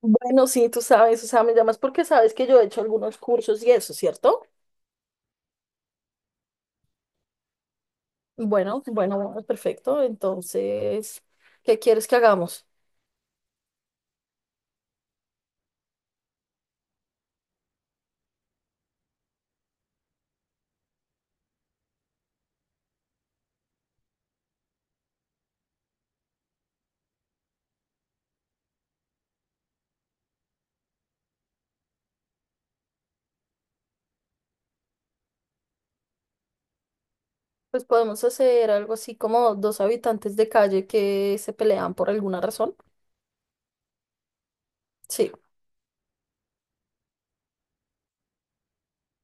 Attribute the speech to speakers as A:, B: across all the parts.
A: Bueno, sí, tú sabes, o sea, me llamas porque sabes que yo he hecho algunos cursos y eso, ¿cierto? Bueno, perfecto. Entonces, ¿qué quieres que hagamos? Pues podemos hacer algo así como dos habitantes de calle que se pelean por alguna razón. Sí,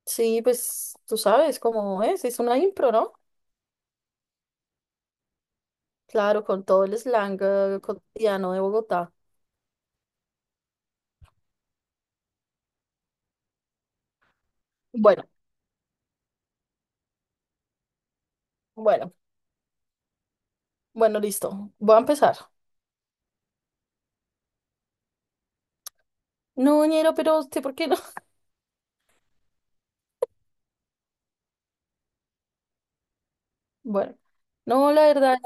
A: sí, pues tú sabes cómo es una impro, ¿no? Claro, con todo el slang cotidiano de Bogotá. Bueno, bueno, bueno, listo. Voy a empezar. No, ñero, pero usted, ¿por qué no? Bueno, no, la verdad,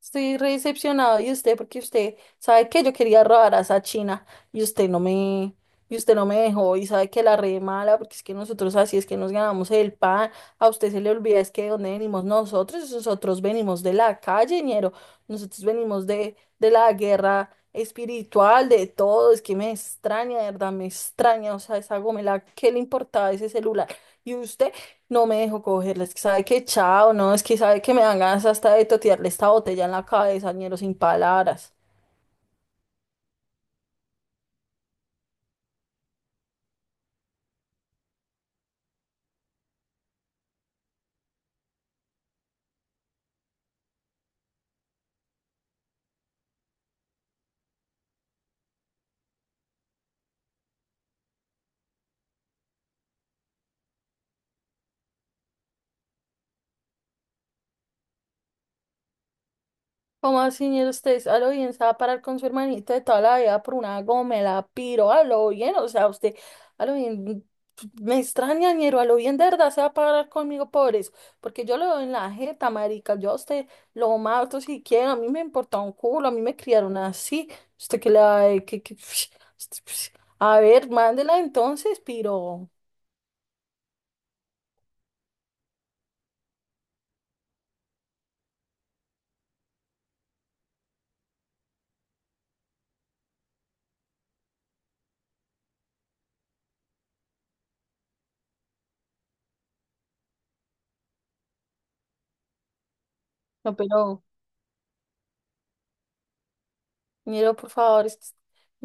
A: estoy re decepcionada de usted porque usted sabe que yo quería robar a esa china y usted no me dejó y sabe que la re mala porque es que nosotros así es que nos ganamos el pan, a usted se le olvida es que de dónde venimos nosotros, nosotros venimos de la calle, ñero, nosotros venimos de la guerra espiritual, de todo, es que me extraña, de verdad, me extraña, o sea, esa gomela, ¿qué le importaba ese celular? Y usted. No me dejó cogerla, es que sabe que chao, no, es que sabe que me dan ganas hasta de totearle esta botella en la cabeza, ñero, sin palabras. ¿Cómo así, ñero, usted a lo bien se va a parar con su hermanito de toda la vida por una gomela, piro, a lo bien, o sea, usted, a lo bien, me extraña, ñero, a lo bien de verdad se va a parar conmigo por eso, porque yo lo veo en la jeta, marica, yo a usted lo mato si quiero, a mí me importa un culo, a mí me criaron así, usted que le va a... a ver, mándela entonces, piro. No, pero, Miñero, por favor, es que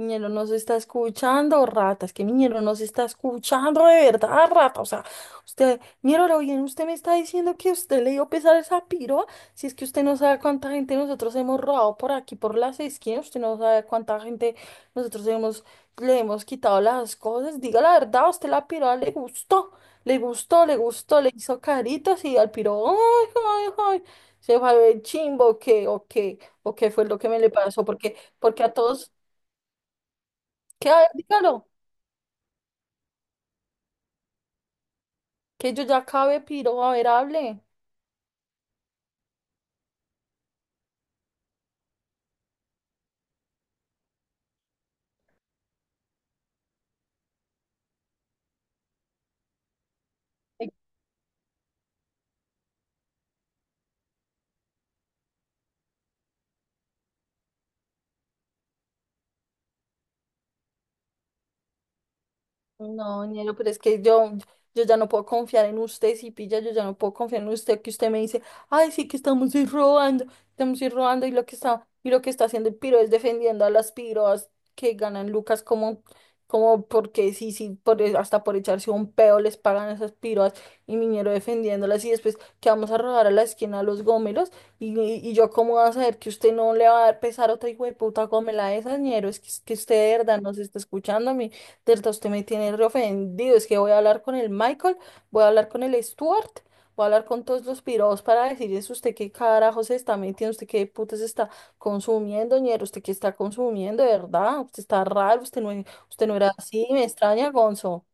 A: Miñero no se está escuchando, rata. Es que Miñero no se está escuchando de verdad, rata. O sea, usted, Miñero, ahora bien, usted me está diciendo que usted le dio pesar a esa piroa. Si es que usted no sabe cuánta gente nosotros hemos robado por aquí, por las esquinas, usted no sabe cuánta gente nosotros hemos, le hemos quitado las cosas. Diga la verdad, a usted la piroa le gustó, le gustó, le hizo caritas y al piro, ay, ay, ay. Se fue a ver chimbo, ¿o qué? ¿O qué? ¿O qué fue lo que me le pasó? Porque a todos, ¿qué? A ver, dígalo, que yo ya acabé, piro, a ver, hable. No, ñero, pero es que yo ya no puedo confiar en usted, si pilla, yo ya no puedo confiar en usted que usted me dice, ay, sí que estamos ir robando, y lo que está haciendo el piro es defendiendo a las piroas que ganan lucas como, como porque sí, sí, por, e, hasta por echarse un peo les pagan a esas piroas, y Miñero defendiéndolas, y después que vamos a robar a la esquina a los gómelos, y yo cómo voy a saber que usted no le va a dar pesar a otra hijo de puta gómela de esas, ñero, es que usted de verdad nos está escuchando, Delta, usted me tiene re ofendido. Es que voy a hablar con el Michael, voy a hablar con el Stuart, voy a hablar con todos los pirados para decirles usted qué carajo se está metiendo, usted qué puta se está consumiendo, ñero, usted qué está consumiendo, de verdad. Usted está raro, usted no era así, me extraña, Gonzo.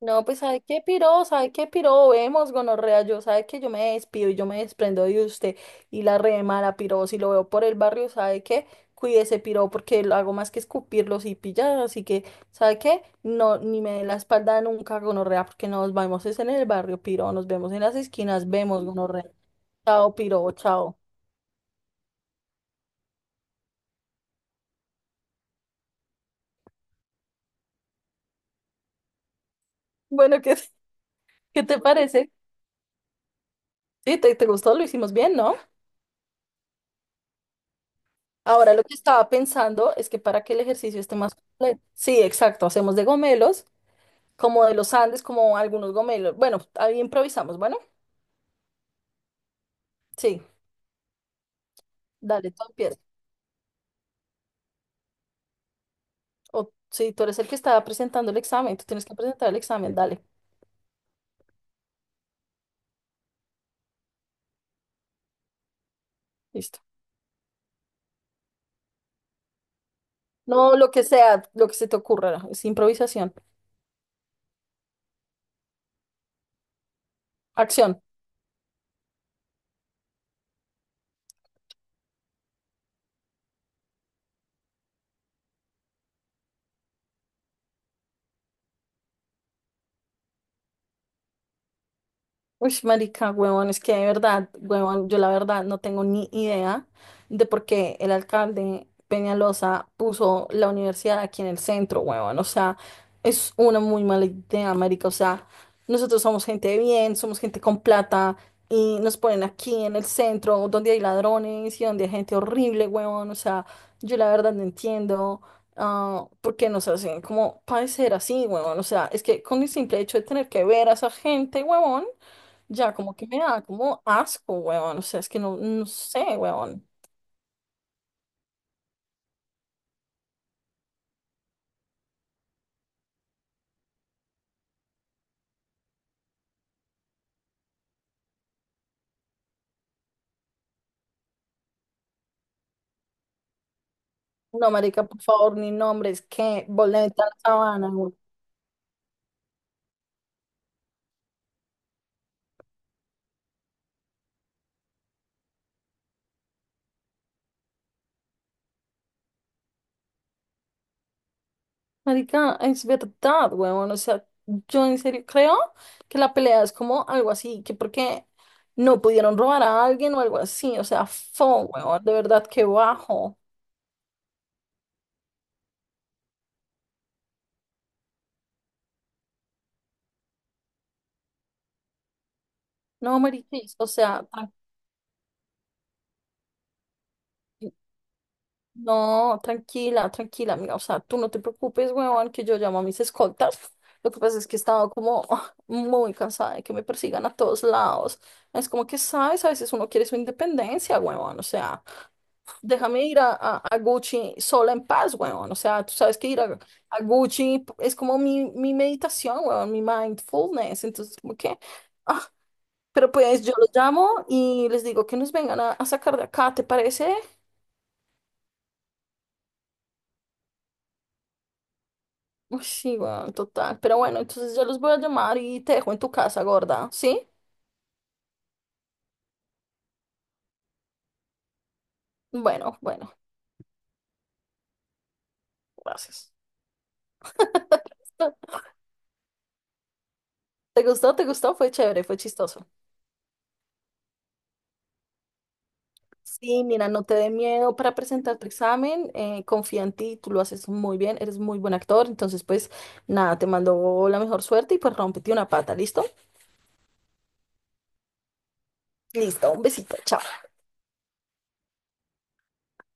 A: No, pues sabe qué piro, vemos gonorrea, yo sabe que yo me despido y yo me desprendo de usted y la remara piro, si lo veo por el barrio, sabe qué, cuídese piro porque lo hago más que escupirlos y pillar, así que sabe qué, no, ni me dé la espalda nunca gonorrea porque nos vemos es en el barrio piro, nos vemos en las esquinas, vemos gonorrea, chao piro, chao. Bueno, ¿qué, qué te parece? Sí, te gustó, lo hicimos bien, ¿no? Ahora lo que estaba pensando es que para que el ejercicio esté más completo, sí, exacto, hacemos de gomelos, como de los Andes, como algunos gomelos. Bueno, ahí improvisamos, bueno, sí, dale, tú empiezas. O sí, tú eres el que está presentando el examen, tú tienes que presentar el examen, dale, listo. No, lo que sea, lo que se te ocurra, es improvisación. Acción. Uy, marica, huevón, es que de verdad, huevón, yo la verdad no tengo ni idea de por qué el alcalde Peñalosa puso la universidad aquí en el centro, huevón. O sea, es una muy mala idea, marica. O sea, nosotros somos gente de bien, somos gente con plata y nos ponen aquí en el centro donde hay ladrones y donde hay gente horrible, huevón. O sea, yo la verdad no entiendo, por qué nos hacen como padecer así, huevón. O sea, es que con el simple hecho de tener que ver a esa gente, huevón. Ya, como que me da como asco, weón. O sea, es que no, no sé, weón. No, marica, por favor, ni nombres, que boleta la sabana, weón. Marica, es verdad, weón. O sea, yo en serio creo que la pelea es como algo así, que porque no pudieron robar a alguien o algo así. O sea, fo, weón, de verdad, que bajo. No, marica, o sea, tranquilo. No, tranquila, tranquila, amiga. O sea, tú no te preocupes, huevón, que yo llamo a mis escoltas. Lo que pasa es que he estado como muy cansada de que me persigan a todos lados. Es como que, ¿sabes? A veces uno quiere su independencia, huevón. O sea, déjame ir a Gucci sola en paz, huevón. O sea, tú sabes que ir a Gucci es como mi meditación, huevón, mi mindfulness. Entonces, como que, ah, pero pues yo los llamo y les digo que nos vengan a sacar de acá, ¿te parece? Uy, sí, weón, total. Pero bueno, entonces yo los voy a llamar y te dejo en tu casa, gorda. ¿Sí? Bueno, bueno, gracias. Ah, ¿te gustó? ¿Te gustó? Fue chévere, fue chistoso. Sí, mira, no te dé miedo para presentar tu examen, confía en ti, tú lo haces muy bien, eres muy buen actor. Entonces, pues nada, te mando la mejor suerte y pues rómpete una pata, ¿listo? Listo, un besito, chao.